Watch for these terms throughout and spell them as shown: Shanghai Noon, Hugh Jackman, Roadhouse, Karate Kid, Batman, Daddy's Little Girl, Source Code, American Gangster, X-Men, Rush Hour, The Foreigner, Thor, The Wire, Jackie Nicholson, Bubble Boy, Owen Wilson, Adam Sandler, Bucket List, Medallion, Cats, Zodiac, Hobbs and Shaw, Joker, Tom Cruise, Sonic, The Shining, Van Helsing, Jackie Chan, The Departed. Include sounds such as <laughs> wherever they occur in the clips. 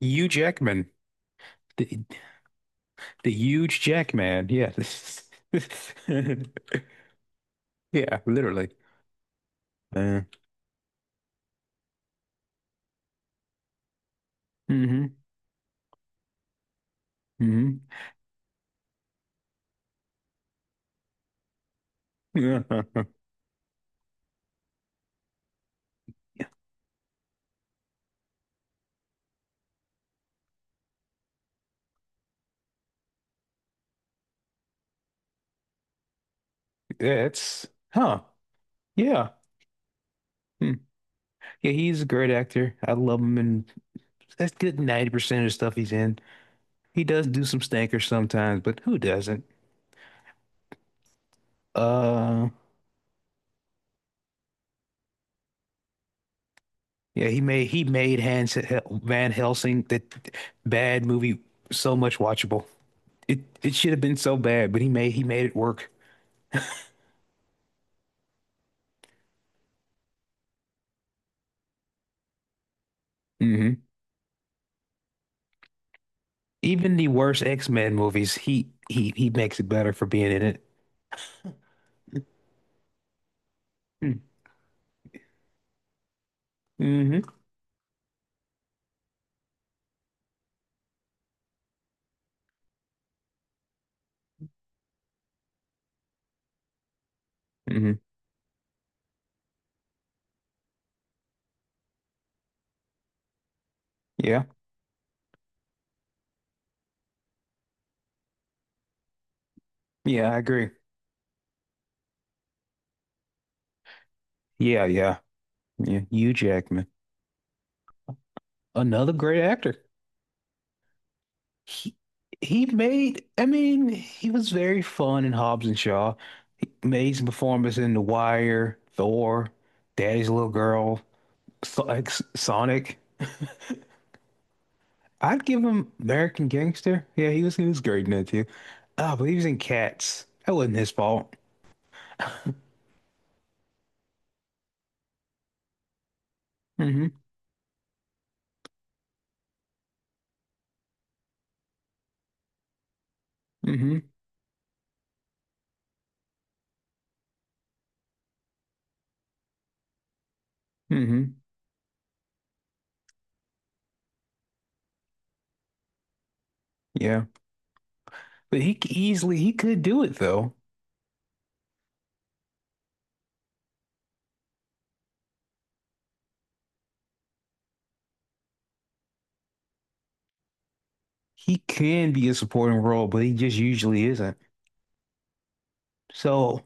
Hugh Jackman, the the huge Jackman. Yeah, <laughs> yeah, literally. Uh, hmm hmm Yeah, <laughs> Yeah, it's huh. Yeah, hmm. Yeah, he's a great actor. I love him, and that's good. 90% of the stuff he's in, he does do some stinkers sometimes, but who doesn't? Uh, yeah, he made Hans Van Helsing, that bad movie, so much watchable. It should have been so bad, but he made it work. Mm-hmm. Even the worst X-Men movies, he makes it better for being in it. Mm-hmm. Mm-hmm. Yeah. Yeah, I agree. Yeah, yeah. Yeah. Hugh Jackman. Another great actor. He he made he was very fun in Hobbs and Shaw. He made some performances in The Wire, Thor, Daddy's Little Girl, So- like, Sonic. I'd give him American Gangster. Yeah, he was great in that too. Ah, but he was in Cats. That wasn't his fault. Mm-hmm. Mm-hmm. Hmm. Yeah. But easily he could do it, though. He can be a supporting role, but he just usually isn't. So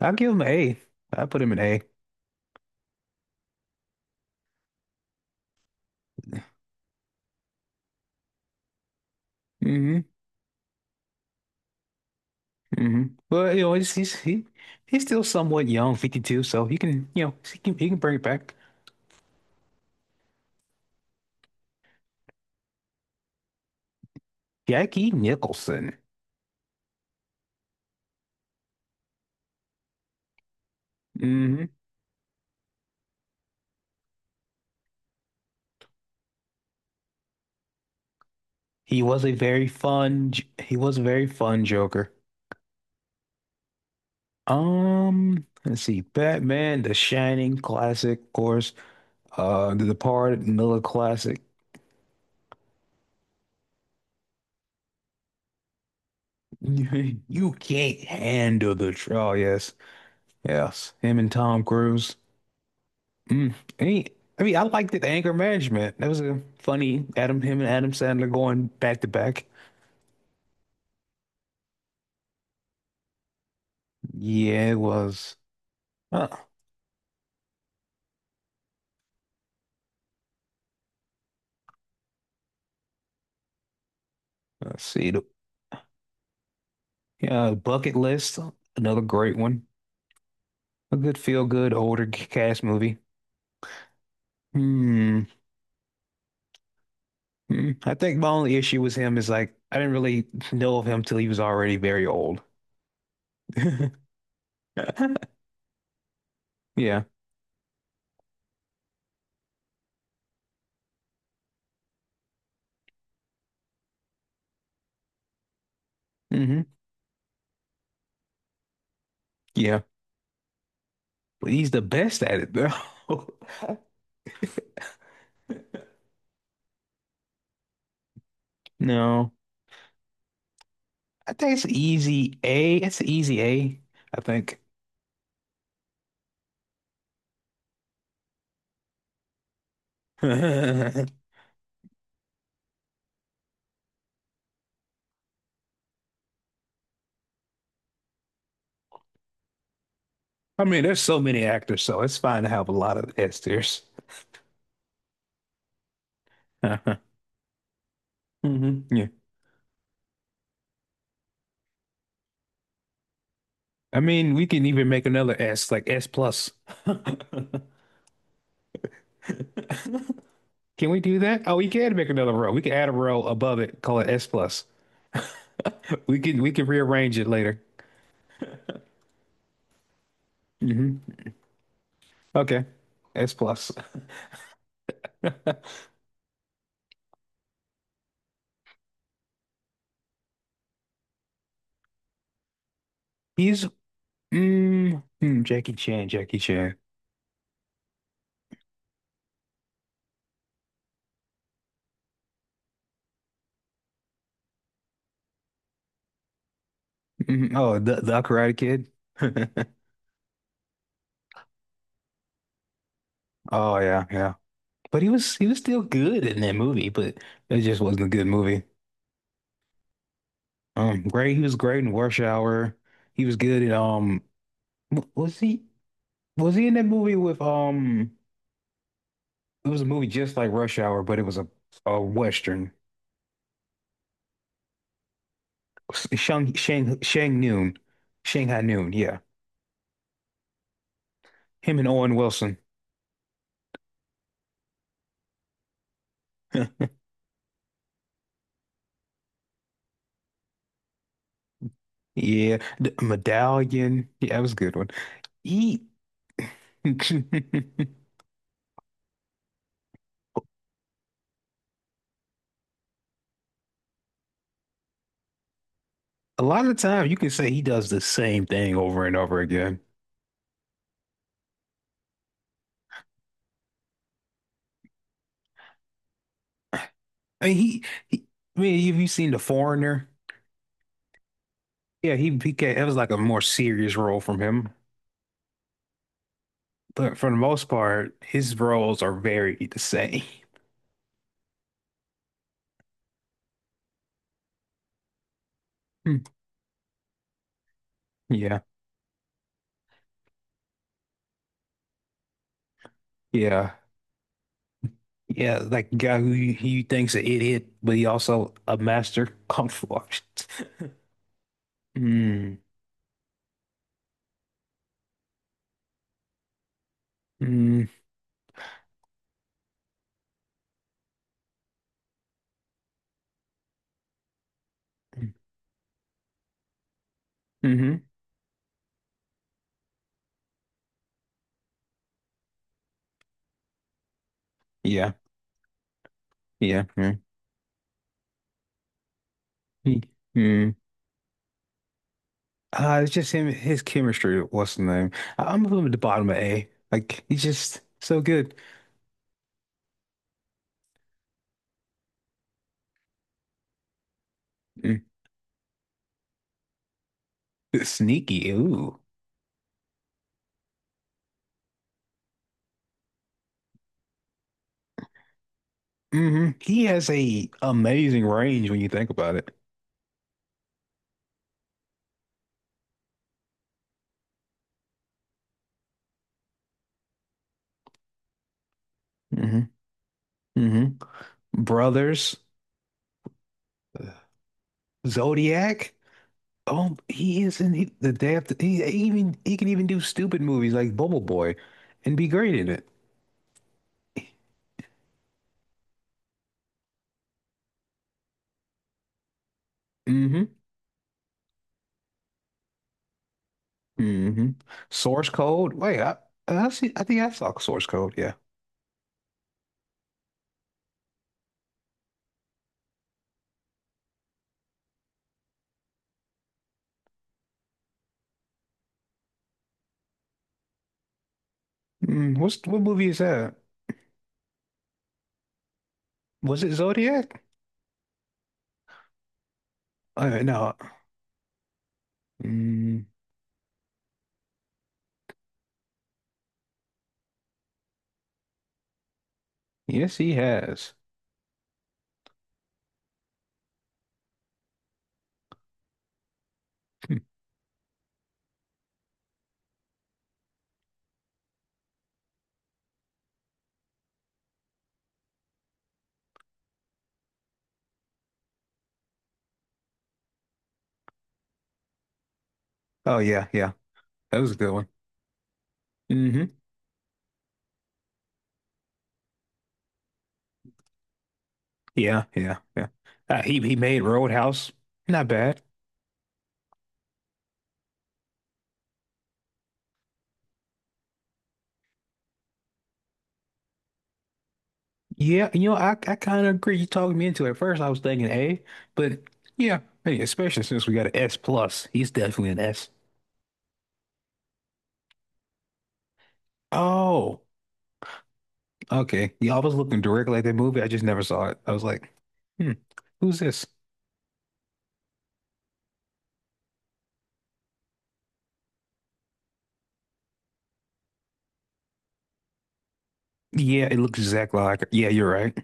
I'll give him an A. I put him an A. Hmm. Hmm. But you know, he's still somewhat young, 52, so he can, you know, he can bring it back. Jackie Nicholson. Hmm. He was a very fun he was a very fun Joker. Let's see, Batman, The Shining, classic, of course. The Departed, another classic. <laughs> You can't handle the truth. Oh, yes, yes. Him and Tom Cruise. Mm. I mean, I liked it. The anger management. That was a funny Adam, him and Adam Sandler going back to back. Yeah, it was. Uh, let's see. Yeah, Bucket List. Another great one. A good feel good older cast movie. Hmm. Hmm. I think my only issue with him is, like, I didn't really know of him till he was already very old. <laughs> Yeah. Hmm. Yeah, but he's the best at it, bro. <laughs> No, I think it's easy A. It's an easy A, I think. <laughs> I mean, there's so many actors, so it's fine to have a lot of S tiers. <laughs> Hmm. Yeah. I mean, we can even make another S, like S plus. <laughs> Can we do that? Oh, we can make another row. We can add a row above it, call it S plus. <laughs> We can rearrange it later. Hmm. Okay. S plus. He's mm, hmm, Jackie Chan, Jackie Chan. Mhm. Oh, the Karate Kid. <laughs> Oh yeah, yeah. But he was still good in that movie, but it just wasn't a good movie. Great. He was great in Rush Hour. He was good in w- Was he was he in that movie with um? It was a movie just like Rush Hour, but it was a Western. Shang Shang Shang Noon, Shanghai Noon. Yeah, him and Owen Wilson. <laughs> Yeah, the Medallion. Yeah, that was a good one. He. <laughs> A lot of the time, you can say he does the same thing over and over again. I mean, he, he I mean, have you seen The Foreigner? Yeah, it was like a more serious role from him, but for the most part, his roles are very the same. Hmm. Yeah, yeah, yeah. Like the guy who you think's an idiot, but he also a master <laughs> kung fu artist. <laughs> Mm, mm, mm-hmm. Yeah, yeah, yeah. Mm. It's just him, his chemistry. What's the name? I'm from the bottom of A. Like, he's just so good. Mm. Sneaky. Ooh, hmm. He has a amazing range when you think about it. Hmm. Hmm. Brothers, Ugh. Zodiac. Oh, he is in he, the day after. He even he can even do stupid movies like Bubble Boy, and be great in it. Hmm. Hmm. Source Code. Wait, I see. I think I saw Source Code. Yeah. Mm, what's what movie is that? Was it Zodiac? No. Mm, yes, he has. Hmm. Oh yeah, yeah. That was a good one. Hmm. Yeah, yeah, yeah. He made Roadhouse. Not bad. Yeah, you know, I kind of agree. You talked me into it. At first, I was thinking A, but yeah, hey, especially since we got an S plus, he's definitely an S. Oh, okay. Yeah, I was looking directly at that movie. I just never saw it. I was like, hmm, who's this? Yeah, it looks exactly like. Yeah, you're right.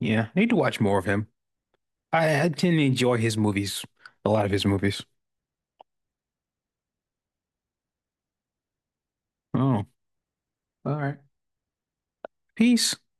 Yeah, I need to watch more of him. I can enjoy his movies, a lot of his movies. Oh, all right. Peace.